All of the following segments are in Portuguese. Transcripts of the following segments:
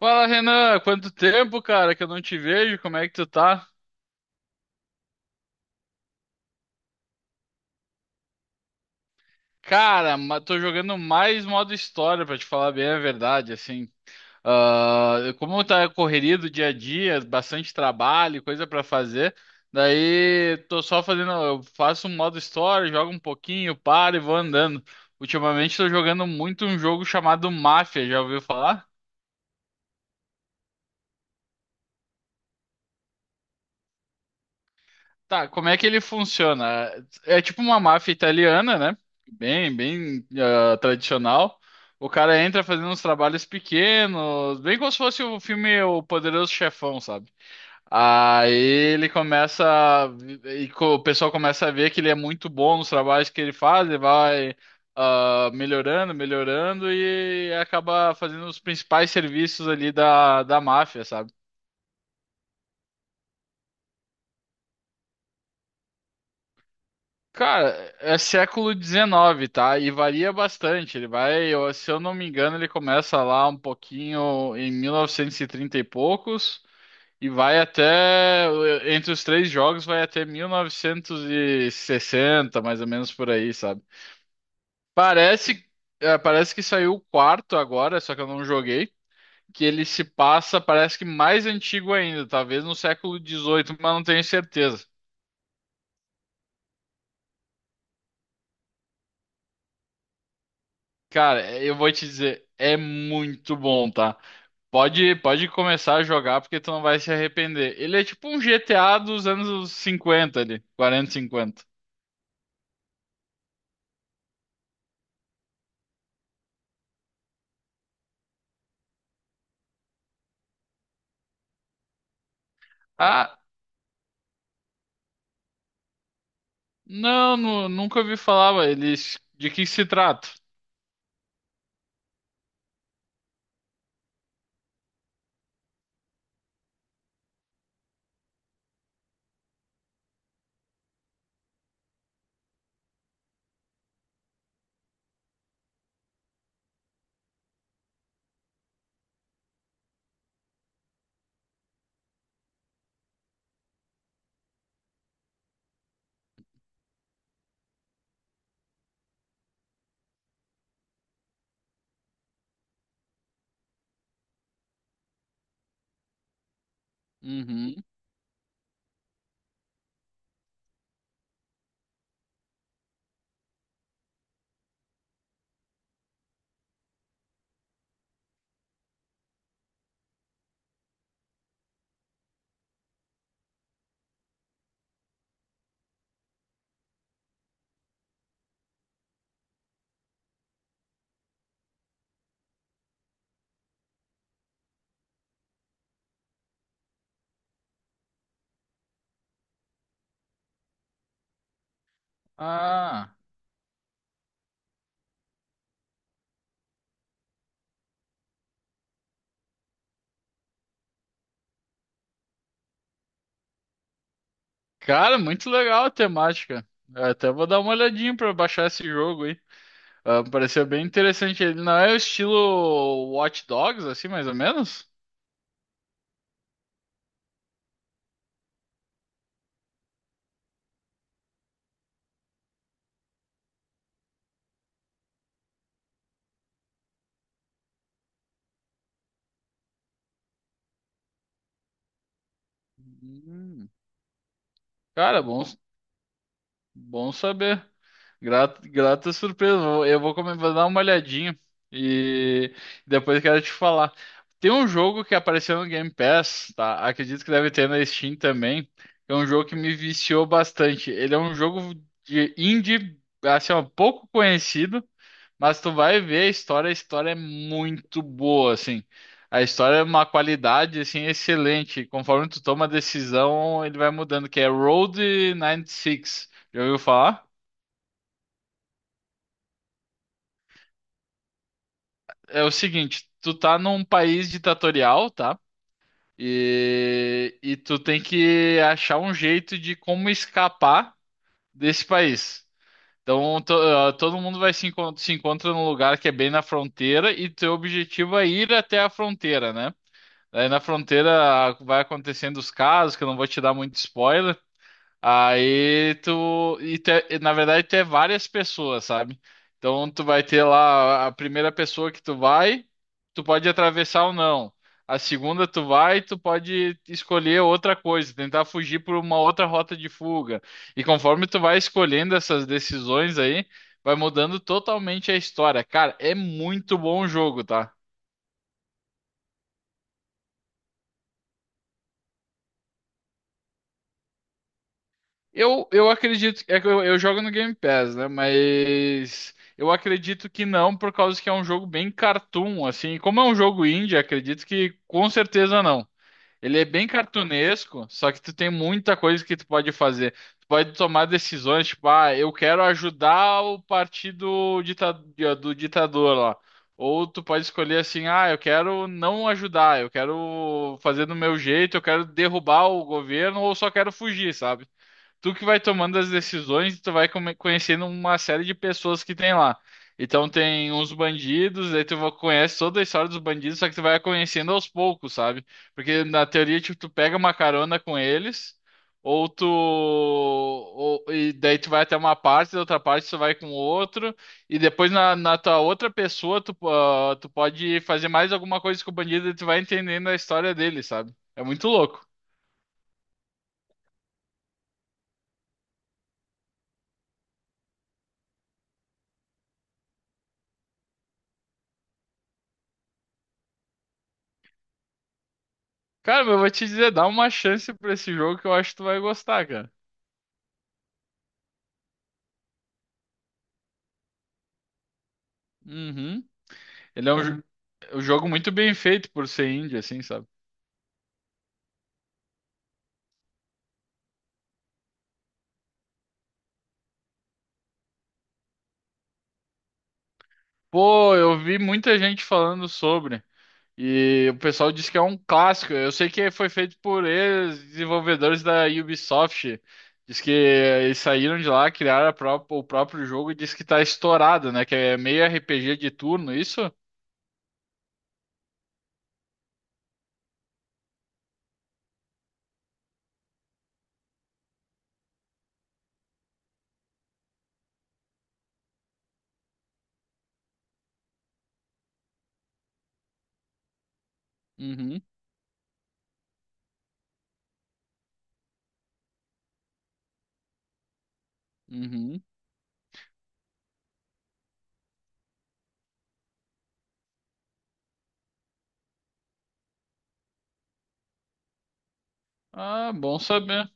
Fala, Renan, quanto tempo, cara, que eu não te vejo, como é que tu tá? Cara, tô jogando mais modo história, pra te falar bem a verdade, assim. Ah, como tá a correria do dia a dia, bastante trabalho, coisa pra fazer, daí tô só fazendo, eu faço um modo história, jogo um pouquinho, paro e vou andando. Ultimamente tô jogando muito um jogo chamado Máfia, já ouviu falar? Tá, como é que ele funciona? É tipo uma máfia italiana, né? Bem, tradicional. O cara entra fazendo uns trabalhos pequenos, bem como se fosse o filme O Poderoso Chefão, sabe? Aí ele começa a o pessoal começa a ver que ele é muito bom nos trabalhos que ele faz, ele vai melhorando, melhorando e acaba fazendo os principais serviços ali da máfia, sabe? Cara, é século 19, tá? E varia bastante. Ele vai, se eu não me engano, ele começa lá um pouquinho em 1930 e poucos e vai até, entre os três jogos, vai até 1960, mais ou menos por aí, sabe? Parece, é, parece que saiu o quarto agora, só que eu não joguei, que ele se passa, parece que mais antigo ainda, talvez no século dezoito, mas não tenho certeza. Cara, eu vou te dizer, é muito bom, tá? Pode começar a jogar porque tu não vai se arrepender. Ele é tipo um GTA dos anos cinquenta ali, quarenta, cinquenta. Ah, não, nunca ouvi falar, ué, eles de que se trata? Uhum. Ah, cara, muito legal a temática. Eu até vou dar uma olhadinha pra baixar esse jogo aí. Ah, pareceu bem interessante. Ele não é o estilo Watch Dogs, assim, mais ou menos? Hum. Cara, bom saber. Grata surpresa. Vou dar uma olhadinha e depois quero te falar. Tem um jogo que apareceu no Game Pass, tá? Acredito que deve ter na Steam também. É um jogo que me viciou bastante. Ele é um jogo de indie, assim, ó, pouco conhecido. Mas tu vai ver a história é muito boa, assim. A história é uma qualidade, assim, excelente. Conforme tu toma a decisão, ele vai mudando, que é Road 96. Já ouviu falar? É o seguinte, tu tá num país ditatorial, tá? E tu tem que achar um jeito de como escapar desse país. Então, todo mundo vai se encontra num lugar que é bem na fronteira e teu objetivo é ir até a fronteira, né? Aí na fronteira vai acontecendo os casos, que eu não vou te dar muito spoiler. Aí tu. E e, na verdade, tu é várias pessoas, sabe? Então tu vai ter lá a primeira pessoa que tu vai, tu pode atravessar ou não. A segunda tu vai, tu pode escolher outra coisa, tentar fugir por uma outra rota de fuga. E conforme tu vai escolhendo essas decisões aí, vai mudando totalmente a história. Cara, é muito bom o jogo, tá? Eu acredito. É que eu jogo no Game Pass, né? Mas eu acredito que não, por causa que é um jogo bem cartoon, assim. Como é um jogo indie, acredito que com certeza não. Ele é bem cartunesco, só que tu tem muita coisa que tu pode fazer. Tu pode tomar decisões, tipo, ah, eu quero ajudar o partido dita- do ditador lá. Ou tu pode escolher assim, ah, eu quero não ajudar, eu quero fazer do meu jeito, eu quero derrubar o governo, ou só quero fugir, sabe? Tu que vai tomando as decisões, tu vai conhecendo uma série de pessoas que tem lá. Então tem uns bandidos, aí conhece toda a história dos bandidos, só que tu vai conhecendo aos poucos, sabe? Porque na teoria, tipo, tu pega uma carona com eles, e daí tu vai até uma parte, da outra parte tu vai com outro, e depois na tua outra pessoa tu, ah, tu pode fazer mais alguma coisa com o bandido e tu vai entendendo a história dele, sabe? É muito louco. Cara, eu vou te dizer, dá uma chance pra esse jogo que eu acho que tu vai gostar, cara. Uhum. Ele é um, jo- Um jogo muito bem feito por ser indie, assim, sabe? Pô, eu vi muita gente falando sobre. E o pessoal diz que é um clássico. Eu sei que foi feito por ex-desenvolvedores da Ubisoft. Diz que eles saíram de lá, criaram a o próprio jogo e diz que tá estourado, né? Que é meio RPG de turno, isso? Uhum, uhum. Ah, bom saber.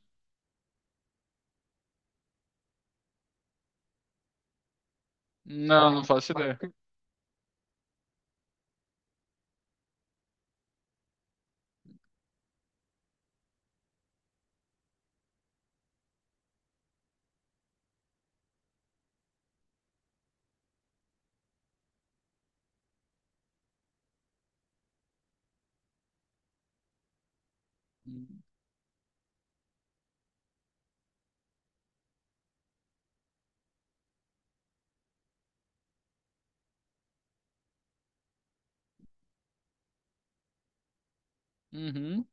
Não, não faço ideia. Uhum.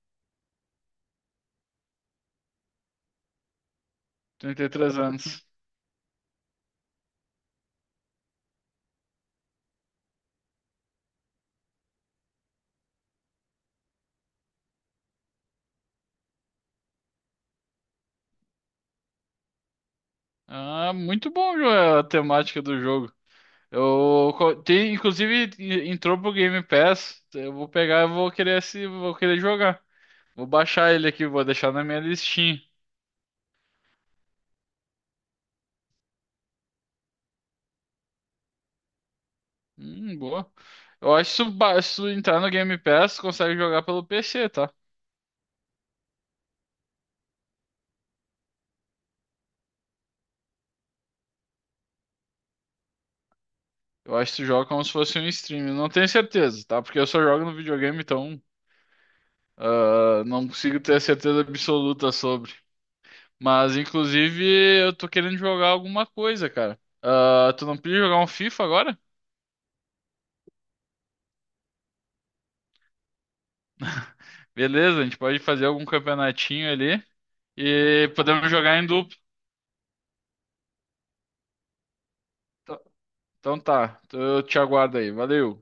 33 anos. Ah, muito bom, Joel, a temática do jogo. Tem, inclusive entrou pro Game Pass. Eu vou pegar, eu vou querer se vou querer jogar. Vou baixar ele aqui, vou deixar na minha listinha. Boa. Eu acho que se tu entrar no Game Pass, tu consegue jogar pelo PC, tá? Eu acho que tu joga como se fosse um stream. Eu não tenho certeza, tá? Porque eu só jogo no videogame, então não consigo ter certeza absoluta sobre. Mas, inclusive, eu tô querendo jogar alguma coisa, cara. Ah, tu não podia jogar um FIFA agora? Beleza, a gente pode fazer algum campeonatinho ali e podemos jogar em dupla. Então tá, eu te aguardo aí. Valeu.